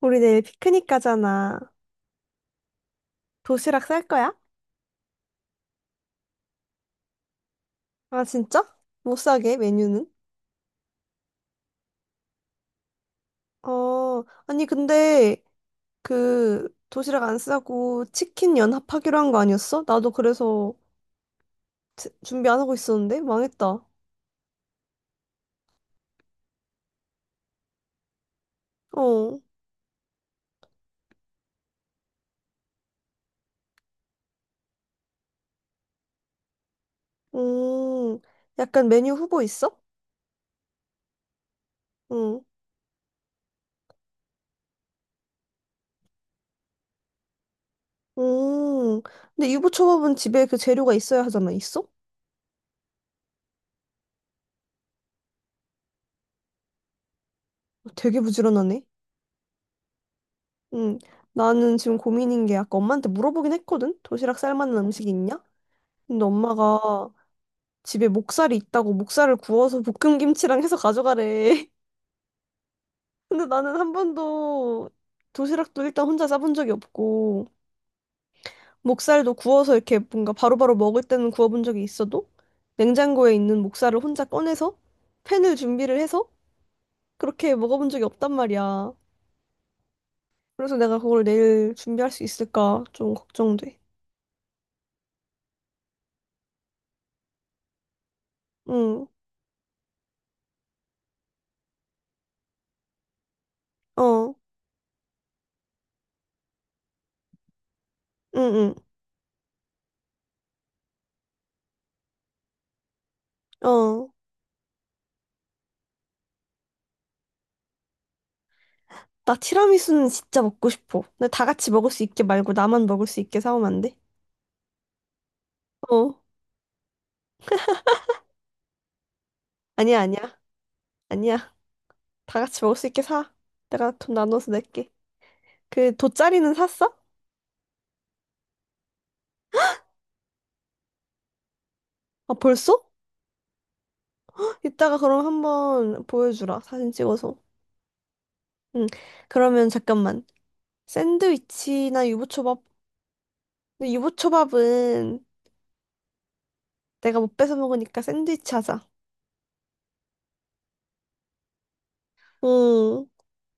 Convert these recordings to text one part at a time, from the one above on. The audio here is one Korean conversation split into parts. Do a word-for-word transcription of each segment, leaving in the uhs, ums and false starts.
우리 내일 피크닉 가잖아. 도시락 쌀 거야? 아, 진짜? 못 사게, 메뉴는? 어, 아니, 근데, 그, 도시락 안 싸고 치킨 연합하기로 한 거 아니었어? 나도 그래서 제- 준비 안 하고 있었는데? 망했다. 어, 음, 약간 메뉴 후보 있어? 응, 음. 근데 유부초밥은 집에 그 재료가 있어야 하잖아. 있어? 어, 되게 부지런하네. 응, 나는 지금 고민인 게 아까 엄마한테 물어보긴 했거든? 도시락 쌀 만한 음식이 있냐? 근데 엄마가 집에 목살이 있다고 목살을 구워서 볶음김치랑 해서 가져가래. 근데 나는 한 번도 도시락도 일단 혼자 싸본 적이 없고, 목살도 구워서 이렇게 뭔가 바로바로 먹을 때는 구워본 적이 있어도, 냉장고에 있는 목살을 혼자 꺼내서 팬을 준비를 해서 그렇게 먹어본 적이 없단 말이야. 그래서 내가 그걸 내일 준비할 수 있을까 좀 걱정돼. 응, 어, 응, 응, 어. 나 티라미수는 진짜 먹고 싶어. 근데 다 같이 먹을 수 있게 말고 나만 먹을 수 있게 사오면 안 돼? 어. 아니야, 아니야, 아니야. 다 같이 먹을 수 있게 사. 내가 돈 나눠서 낼게. 그 돗자리는 샀어? 아, 벌써? 헉, 이따가 그럼 한번 보여주라. 사진 찍어서. 응. 그러면 잠깐만. 샌드위치나 유부초밥. 근데 유부초밥은 내가 못 뺏어 먹으니까 샌드위치 하자. 응.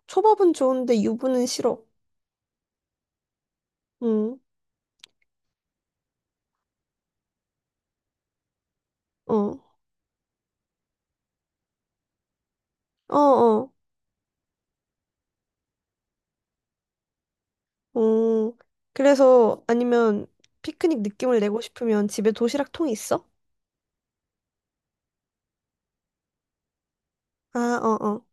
초밥은 좋은데 유부는 싫어. 응. 어. 어, 어. 응. 그래서 아니면 피크닉 느낌을 내고 싶으면 집에 도시락 통이 있어? 아, 어, 어.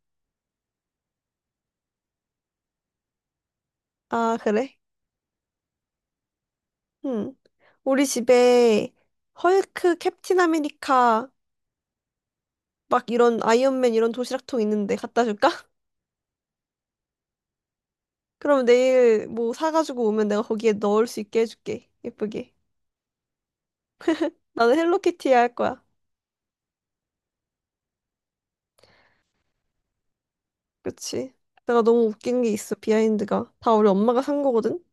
아, 그래? 응. 우리 집에 헐크, 캡틴 아메리카 막 이런 아이언맨 이런 도시락통 있는데 갖다 줄까? 그럼 내일 뭐 사가지고 오면 내가 거기에 넣을 수 있게 해줄게. 예쁘게. 나는 헬로키티 할 거야. 그치? 내가 너무 웃긴 게 있어, 비하인드가. 다 우리 엄마가 산 거거든?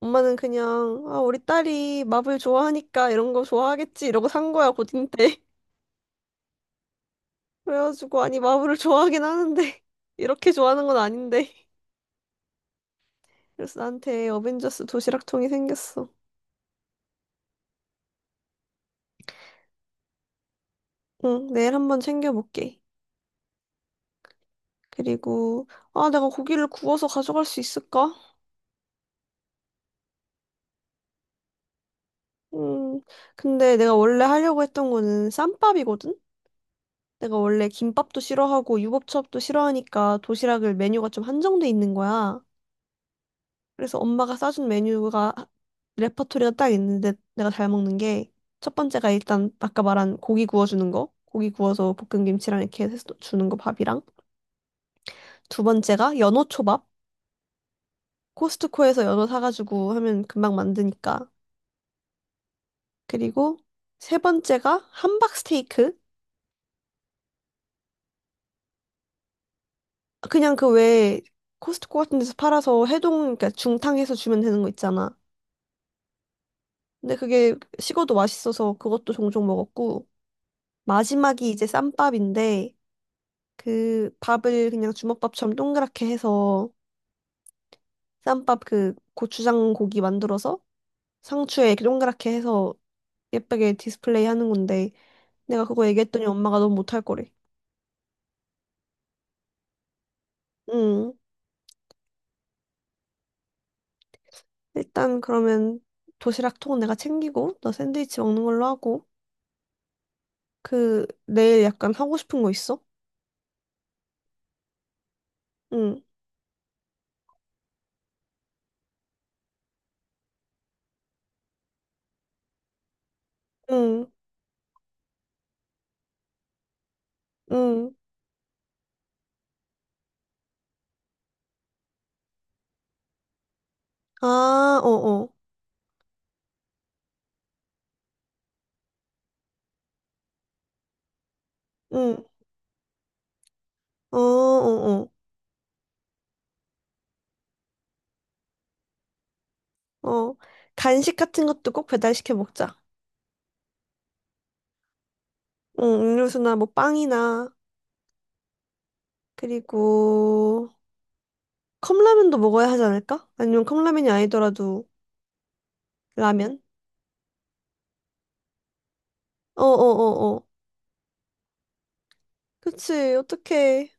엄마는 그냥, 아, 우리 딸이 마블 좋아하니까 이런 거 좋아하겠지. 이러고 산 거야, 고딩 때. 그래가지고, 아니, 마블을 좋아하긴 하는데, 이렇게 좋아하는 건 아닌데. 그래서 나한테 어벤져스 도시락통이 생겼어. 응, 내일 한번 챙겨볼게. 그리고, 아, 내가 고기를 구워서 가져갈 수 있을까? 음, 근데 내가 원래 하려고 했던 거는 쌈밥이거든? 내가 원래 김밥도 싫어하고 유부초밥도 싫어하니까 도시락을 메뉴가 좀 한정돼 있는 거야. 그래서 엄마가 싸준 메뉴가 레퍼토리가 딱 있는데 내가 잘 먹는 게 첫 번째가 일단 아까 말한 고기 구워주는 거. 고기 구워서 볶음김치랑 이렇게 해서 주는 거 밥이랑. 두 번째가 연어 초밥. 코스트코에서 연어 사가지고 하면 금방 만드니까. 그리고 세 번째가 함박 스테이크. 그냥 그 왜 코스트코 같은 데서 팔아서 해동, 그러니까 중탕해서 주면 되는 거 있잖아. 근데 그게 식어도 맛있어서 그것도 종종 먹었고, 마지막이 이제 쌈밥인데, 그 밥을 그냥 주먹밥처럼 동그랗게 해서, 쌈밥 그 고추장 고기 만들어서 상추에 이렇게 동그랗게 해서 예쁘게 디스플레이 하는 건데, 내가 그거 얘기했더니 엄마가 너무 못할 거래. 응. 일단 그러면 도시락 통은 내가 챙기고 너 샌드위치 먹는 걸로 하고 그 내일 약간 하고 싶은 거 있어? 응, 응, 응. 아, 어어, 응, 어어어, 어. 어. 어. 간식 같은 것도 꼭 배달시켜 먹자. 응, 음료수나 뭐 빵이나 그리고 컵라면도 먹어야 하지 않을까? 아니면 컵라면이 아니더라도 라면? 어어어어. 그치, 어떡해.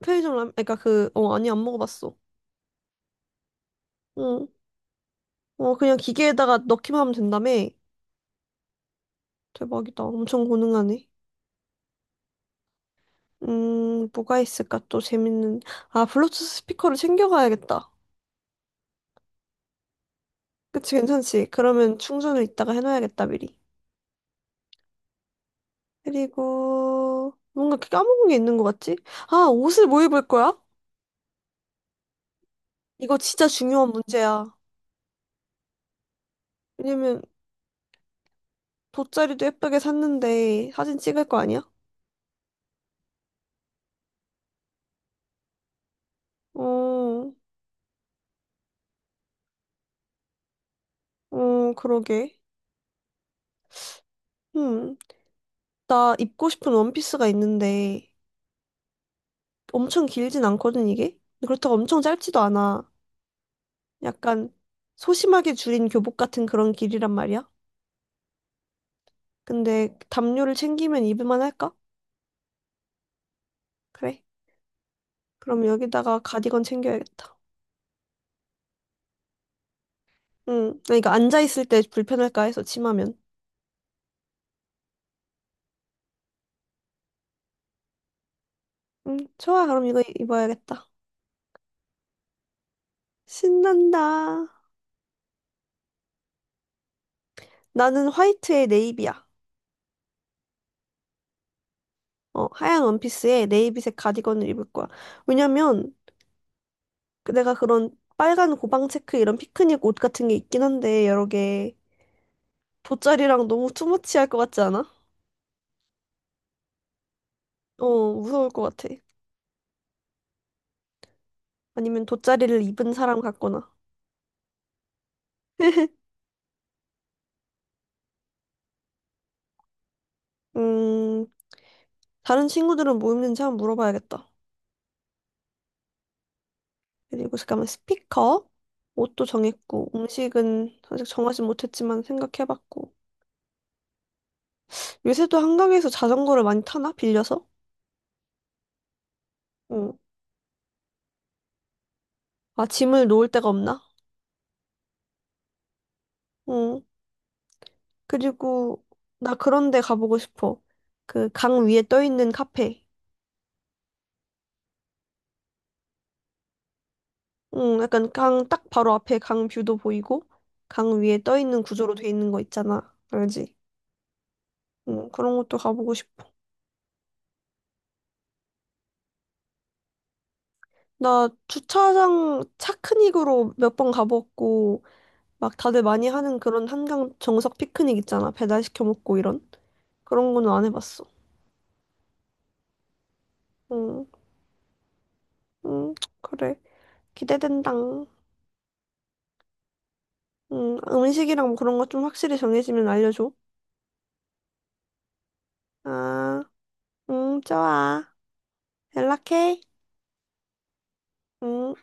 편의점 라면, 그니까 그, 어, 아니, 안 먹어봤어. 응 어, 그냥 기계에다가 넣기만 하면 된다며? 대박이다. 엄청 고능하네. 음, 뭐가 있을까? 또 재밌는. 아, 블루투스 스피커를 챙겨가야겠다. 그치, 괜찮지? 그러면 충전을 이따가 해놔야겠다, 미리. 그리고, 뭔가 까먹은 게 있는 것 같지? 아, 옷을 뭐 입을 거야? 이거 진짜 중요한 문제야. 왜냐면, 돗자리도 예쁘게 샀는데, 사진 찍을 거 아니야? 어, 어, 그러게. 음, 나 입고 싶은 원피스가 있는데, 엄청 길진 않거든, 이게? 근데 그렇다고 엄청 짧지도 않아. 약간 소심하게 줄인 교복 같은 그런 길이란 말이야. 근데 담요를 챙기면 입을만 할까? 그래. 그럼 여기다가 가디건 챙겨야겠다. 응. 그러니까 앉아있을 때 불편할까 해서 치마면. 응, 좋아. 그럼 이거 입어야겠다. 신난다. 나는 화이트에 네이비야. 어, 하얀 원피스에 네이비색 가디건을 입을 거야. 왜냐면 그 내가 그런 빨간 고방 체크 이런 피크닉 옷 같은 게 있긴 한데 여러 개 돗자리랑 너무 투머치할 것 같지 않아? 어, 무서울 것 같아. 아니면 돗자리를 입은 사람 같거나. 음, 다른 친구들은 뭐 입는지 한번 물어봐야겠다. 그리고 잠깐만 스피커, 옷도 정했고, 음식은 아직 정하지 못했지만 생각해봤고. 요새도 한강에서 자전거를 많이 타나? 빌려서? 응. 아, 짐을 놓을 데가 없나? 응. 그리고 나 그런 데 가보고 싶어. 그 강 위에 떠 있는 카페. 응, 약간 강 딱 바로 앞에 강 뷰도 보이고 강 위에 떠 있는 구조로 돼 있는 거 있잖아. 알지? 응, 그런 것도 가보고 싶어. 나 주차장 차크닉으로 몇 번 가봤고 막 다들 많이 하는 그런 한강 정석 피크닉 있잖아. 배달 시켜 먹고 이런 그런 거는 안 해봤어. 응, 응, 그래. 기대된당. 응, 음식이랑 뭐 그런 거 좀 확실히 정해지면 알려줘. 아, 응, 좋아. 연락해. 응.